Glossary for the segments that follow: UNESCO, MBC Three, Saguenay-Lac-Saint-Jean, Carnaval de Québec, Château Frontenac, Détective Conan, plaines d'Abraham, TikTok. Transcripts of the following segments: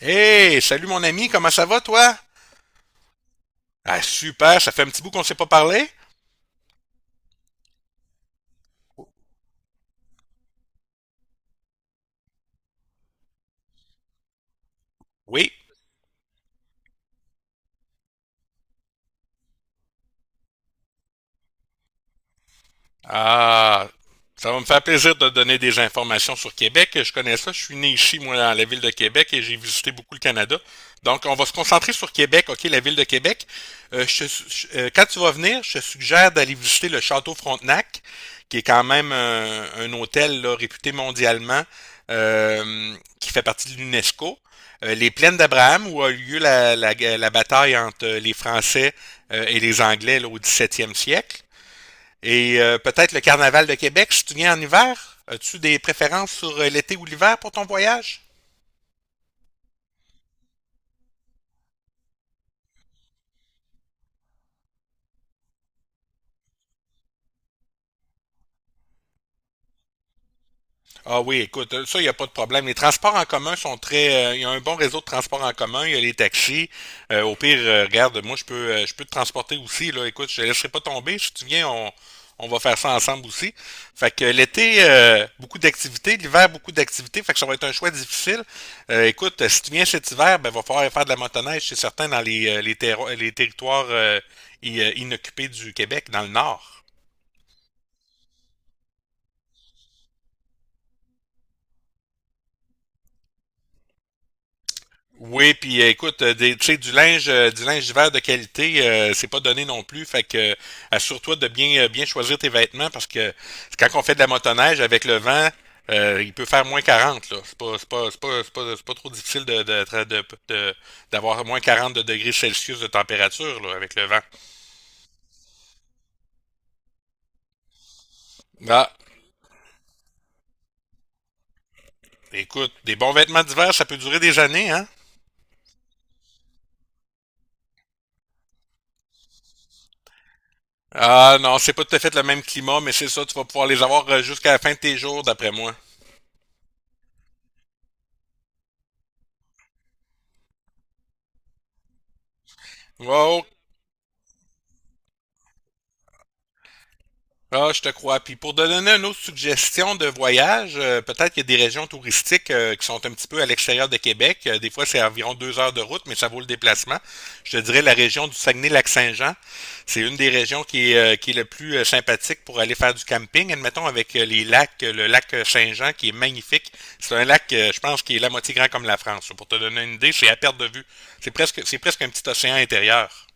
Hey, salut mon ami, comment ça va toi? Ah super, ça fait un petit bout qu'on ne s'est pas parlé? Oui. Ah, ça va me faire plaisir de donner des informations sur Québec. Je connais ça. Je suis né ici, moi, dans la ville de Québec et j'ai visité beaucoup le Canada. Donc, on va se concentrer sur Québec, OK, la ville de Québec. Je te su- je- Quand tu vas venir, je te suggère d'aller visiter le Château Frontenac, qui est quand même un hôtel là, réputé mondialement, qui fait partie de l'UNESCO. Les plaines d'Abraham, où a eu lieu la bataille entre les Français et les Anglais là, au 17e siècle. Et peut-être le Carnaval de Québec, si tu viens en hiver. As-tu des préférences sur l'été ou l'hiver pour ton voyage? Ah oui, écoute, ça, il n'y a pas de problème. Les transports en commun sont très. Il y a un bon réseau de transports en commun, il y a les taxis. Au pire, regarde, moi, je peux te transporter aussi. Là. Écoute, je ne laisserai pas tomber. Si tu viens, on va faire ça ensemble aussi. Fait que l'été, beaucoup d'activités. L'hiver, beaucoup d'activités. Fait que ça va être un choix difficile. Écoute, si tu viens cet hiver, ben, va falloir faire de la motoneige, c'est certain, dans les territoires inoccupés du Québec, dans le nord. Oui, puis écoute, tu sais, du linge d'hiver de qualité, c'est pas donné non plus. Fait que assure-toi de bien choisir tes vêtements parce que quand on fait de la motoneige avec le vent, il peut faire -40 là. C'est pas trop difficile de, tra- de- d'avoir -40 de degrés Celsius de température, là, avec le vent. Ah, écoute, des bons vêtements d'hiver, ça peut durer des années, hein? Ah non, c'est pas tout à fait le même climat, mais c'est ça, tu vas pouvoir les avoir jusqu'à la fin de tes jours, d'après moi. Ouais. Ah, je te crois. Puis pour te donner une autre suggestion de voyage, peut-être qu'il y a des régions touristiques qui sont un petit peu à l'extérieur de Québec. Des fois, c'est environ 2 heures de route, mais ça vaut le déplacement. Je te dirais la région du Saguenay-Lac-Saint-Jean. C'est une des régions qui est le plus sympathique pour aller faire du camping. Admettons avec les lacs, le lac Saint-Jean qui est magnifique. C'est un lac, je pense, qui est la moitié grand comme la France. Pour te donner une idée, c'est à perte de vue. C'est presque un petit océan intérieur.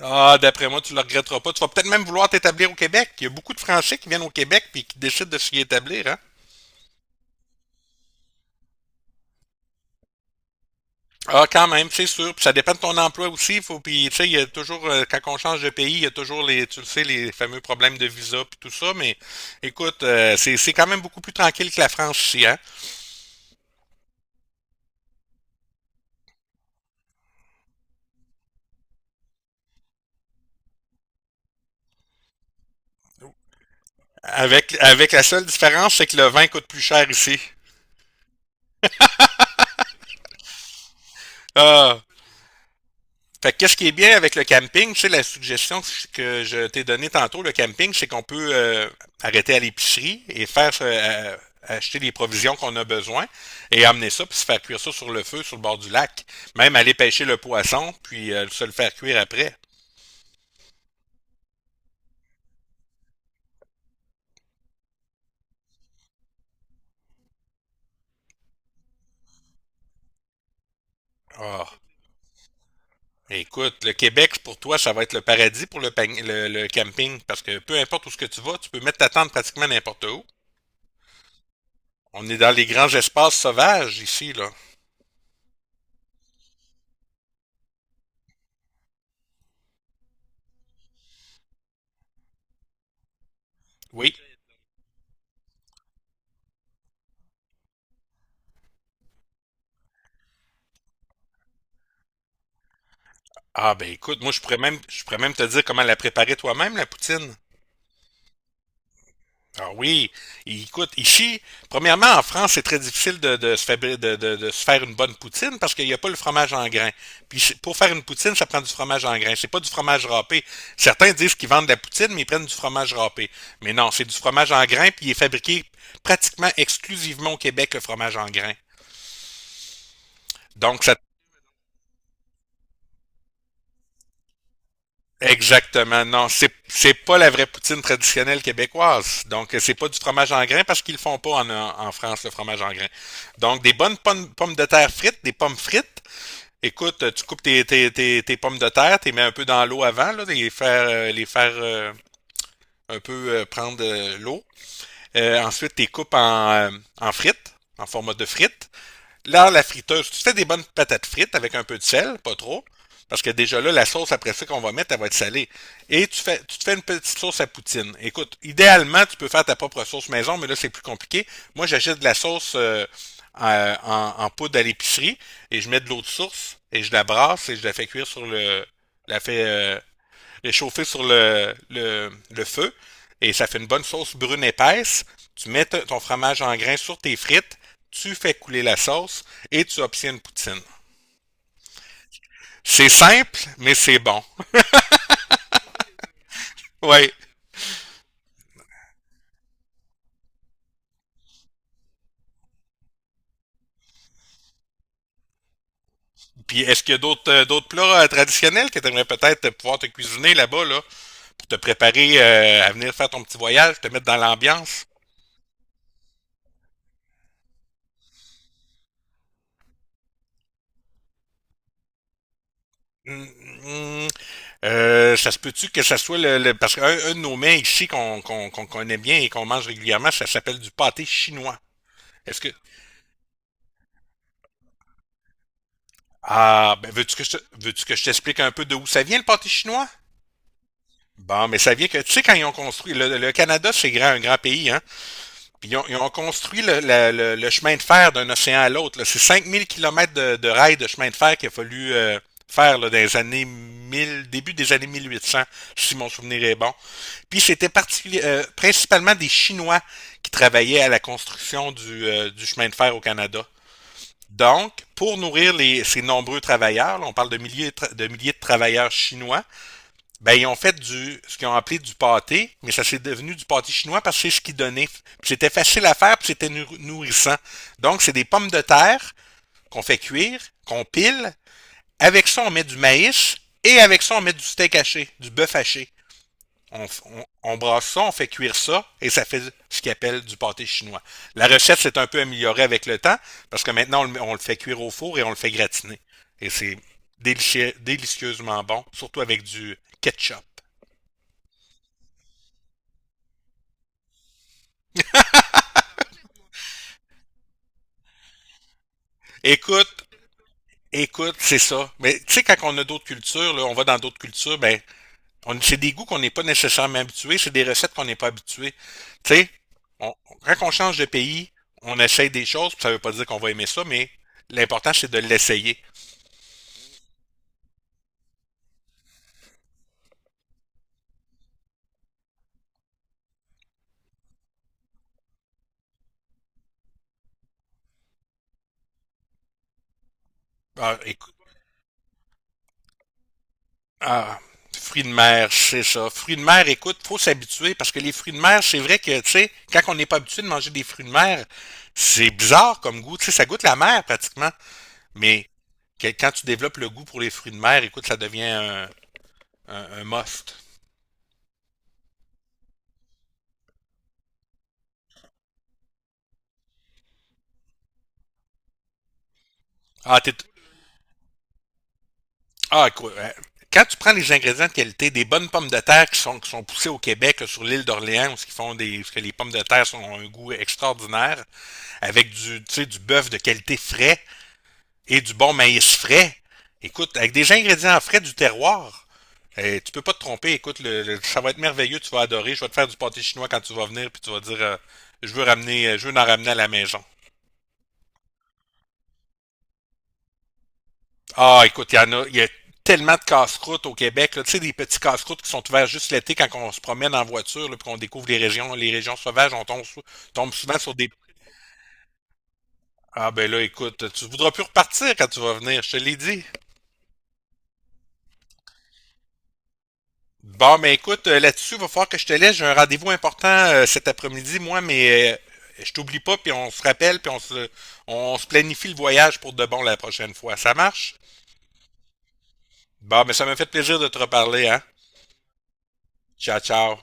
Ah, d'après moi, tu le regretteras pas. Tu vas peut-être même vouloir t'établir au Québec. Il y a beaucoup de Français qui viennent au Québec puis qui décident de s'y établir, hein? Ah, quand même, c'est sûr. Puis ça dépend de ton emploi aussi. Faut, puis, tu sais, il y a toujours, quand on change de pays, il y a toujours tu le sais, les fameux problèmes de visa puis tout ça. Mais écoute, c'est quand même beaucoup plus tranquille que la France ici, hein? Avec la seule différence, c'est que le vin coûte plus cher ici. Ah, fait que qu'est-ce qui est bien avec le camping, tu sais, la suggestion que je t'ai donnée tantôt, le camping, c'est qu'on peut arrêter à l'épicerie et faire acheter les provisions qu'on a besoin et amener ça, puis se faire cuire ça sur le feu, sur le bord du lac. Même aller pêcher le poisson, puis se le faire cuire après. Oh, écoute, le Québec, pour toi, ça va être le paradis pour le camping, parce que peu importe où ce que tu vas, tu peux mettre ta tente pratiquement n'importe où. On est dans les grands espaces sauvages ici, là. Oui. Ah ben écoute, moi je pourrais même te dire comment la préparer toi-même, la poutine. Ah oui, écoute, ici, premièrement, en France, c'est très difficile de se fabri- de se faire une bonne poutine parce qu'il n'y a pas le fromage en grains. Puis pour faire une poutine, ça prend du fromage en grains. C'est pas du fromage râpé. Certains disent qu'ils vendent de la poutine, mais ils prennent du fromage râpé. Mais non, c'est du fromage en grains, puis il est fabriqué pratiquement exclusivement au Québec, le fromage en grains. Donc, ça Exactement. Non, c'est pas la vraie poutine traditionnelle québécoise. Donc c'est pas du fromage en grain parce qu'ils le font pas en France le fromage en grain. Donc des bonnes pommes, pommes de terre frites, des pommes frites. Écoute, tu coupes tes pommes de terre, t'es mets un peu dans l'eau avant là, les faire un peu prendre l'eau. Ensuite, t'es coupes en frites, en format de frites. Là, la friteuse, tu fais des bonnes patates frites avec un peu de sel, pas trop, parce que déjà là, la sauce après ça qu'on va mettre, elle va être salée. Et tu te fais une petite sauce à poutine. Écoute, idéalement, tu peux faire ta propre sauce maison, mais là, c'est plus compliqué. Moi, j'achète de la sauce en poudre à l'épicerie et je mets de l'eau de source et je la brasse et je la fais cuire sur le. La fais réchauffer sur le feu et ça fait une bonne sauce brune épaisse. Tu mets ton fromage en grains sur tes frites, tu fais couler la sauce et tu obtiens une poutine. C'est simple, mais c'est bon. Ouais. Puis est-ce qu'il y a d'autres plats traditionnels que tu aimerais peut-être pouvoir te cuisiner là-bas là pour te préparer à venir faire ton petit voyage, te mettre dans l'ambiance? Mm, mm, Ça se peut-tu que ça soit parce qu'un de nos mets ici qu'on connaît bien et qu'on mange régulièrement, ça s'appelle du pâté chinois. Est-ce que ah ben veux-tu que je t'explique un peu de où ça vient le pâté chinois? Bon, mais ça vient que tu sais quand ils ont construit le Canada, c'est grand, un grand pays, hein. Puis ils ont construit le chemin de fer d'un océan à l'autre là. C'est 5000 km de rails de chemin de fer qu'il a fallu faire là, dans les années 1000, début des années 1800, si mon souvenir est bon. Puis c'était principalement des Chinois qui travaillaient à la construction du chemin de fer au Canada. Donc, pour nourrir ces nombreux travailleurs, là, on parle de milliers de travailleurs chinois, ben, ils ont fait ce qu'ils ont appelé du pâté, mais ça s'est devenu du pâté chinois parce que c'est ce qu'ils donnaient. Puis c'était facile à faire, puis c'était nourrissant. Donc, c'est des pommes de terre qu'on fait cuire, qu'on pile. Avec ça, on met du maïs et avec ça, on met du steak haché, du bœuf haché. On brasse ça, on fait cuire ça et ça fait ce qu'ils appellent du pâté chinois. La recette s'est un peu améliorée avec le temps parce que maintenant, on le fait cuire au four et on le fait gratiner. Et c'est délicieusement bon, surtout avec du ketchup. Écoute, écoute, c'est ça. Mais tu sais, quand on a d'autres cultures, là, on va dans d'autres cultures, ben, c'est des goûts qu'on n'est pas nécessairement habitués, c'est des recettes qu'on n'est pas habitué. Tu sais, on- quand on change de pays, on essaye des choses, puis ça veut pas dire qu'on va aimer ça, mais l'important, c'est de l'essayer. Ah, écoute, ah, fruits de mer, c'est ça. Fruits de mer, écoute, faut s'habituer, parce que les fruits de mer, c'est vrai que, tu sais, quand on n'est pas habitué de manger des fruits de mer, c'est bizarre comme goût, tu sais, ça goûte la mer, pratiquement. Mais quand tu développes le goût pour les fruits de mer, écoute, ça devient un must. Ah, ah, quoi, hein. Quand tu prends les ingrédients de qualité, des bonnes pommes de terre qui sont poussées au Québec, là, sur l'île d'Orléans, où ce qu'ils font parce que les pommes de terre ont un goût extraordinaire, avec du, tu sais, du bœuf de qualité frais et du bon maïs frais. Écoute, avec des ingrédients frais du terroir, tu peux pas te tromper. Écoute, ça va être merveilleux, tu vas adorer. Je vais te faire du pâté chinois quand tu vas venir, puis tu vas dire, je veux ramener, je veux en ramener à la maison. Ah, écoute, il y a tellement de casse-croûtes au Québec là. Tu sais, des petits casse-croûtes qui sont ouverts juste l'été quand on se promène en voiture, là, puis qu'on découvre les régions sauvages, on tombe souvent sur des. Ah ben là, écoute, tu voudras plus repartir quand tu vas venir, je te l'ai dit. Bon, ben écoute, là-dessus, il va falloir que je te laisse. J'ai un rendez-vous important cet après-midi, moi, mais je t'oublie pas, puis on se rappelle, puis on se planifie le voyage pour de bon la prochaine fois. Ça marche? Bon, ben ça m'a fait plaisir de te reparler, hein? Ciao, ciao.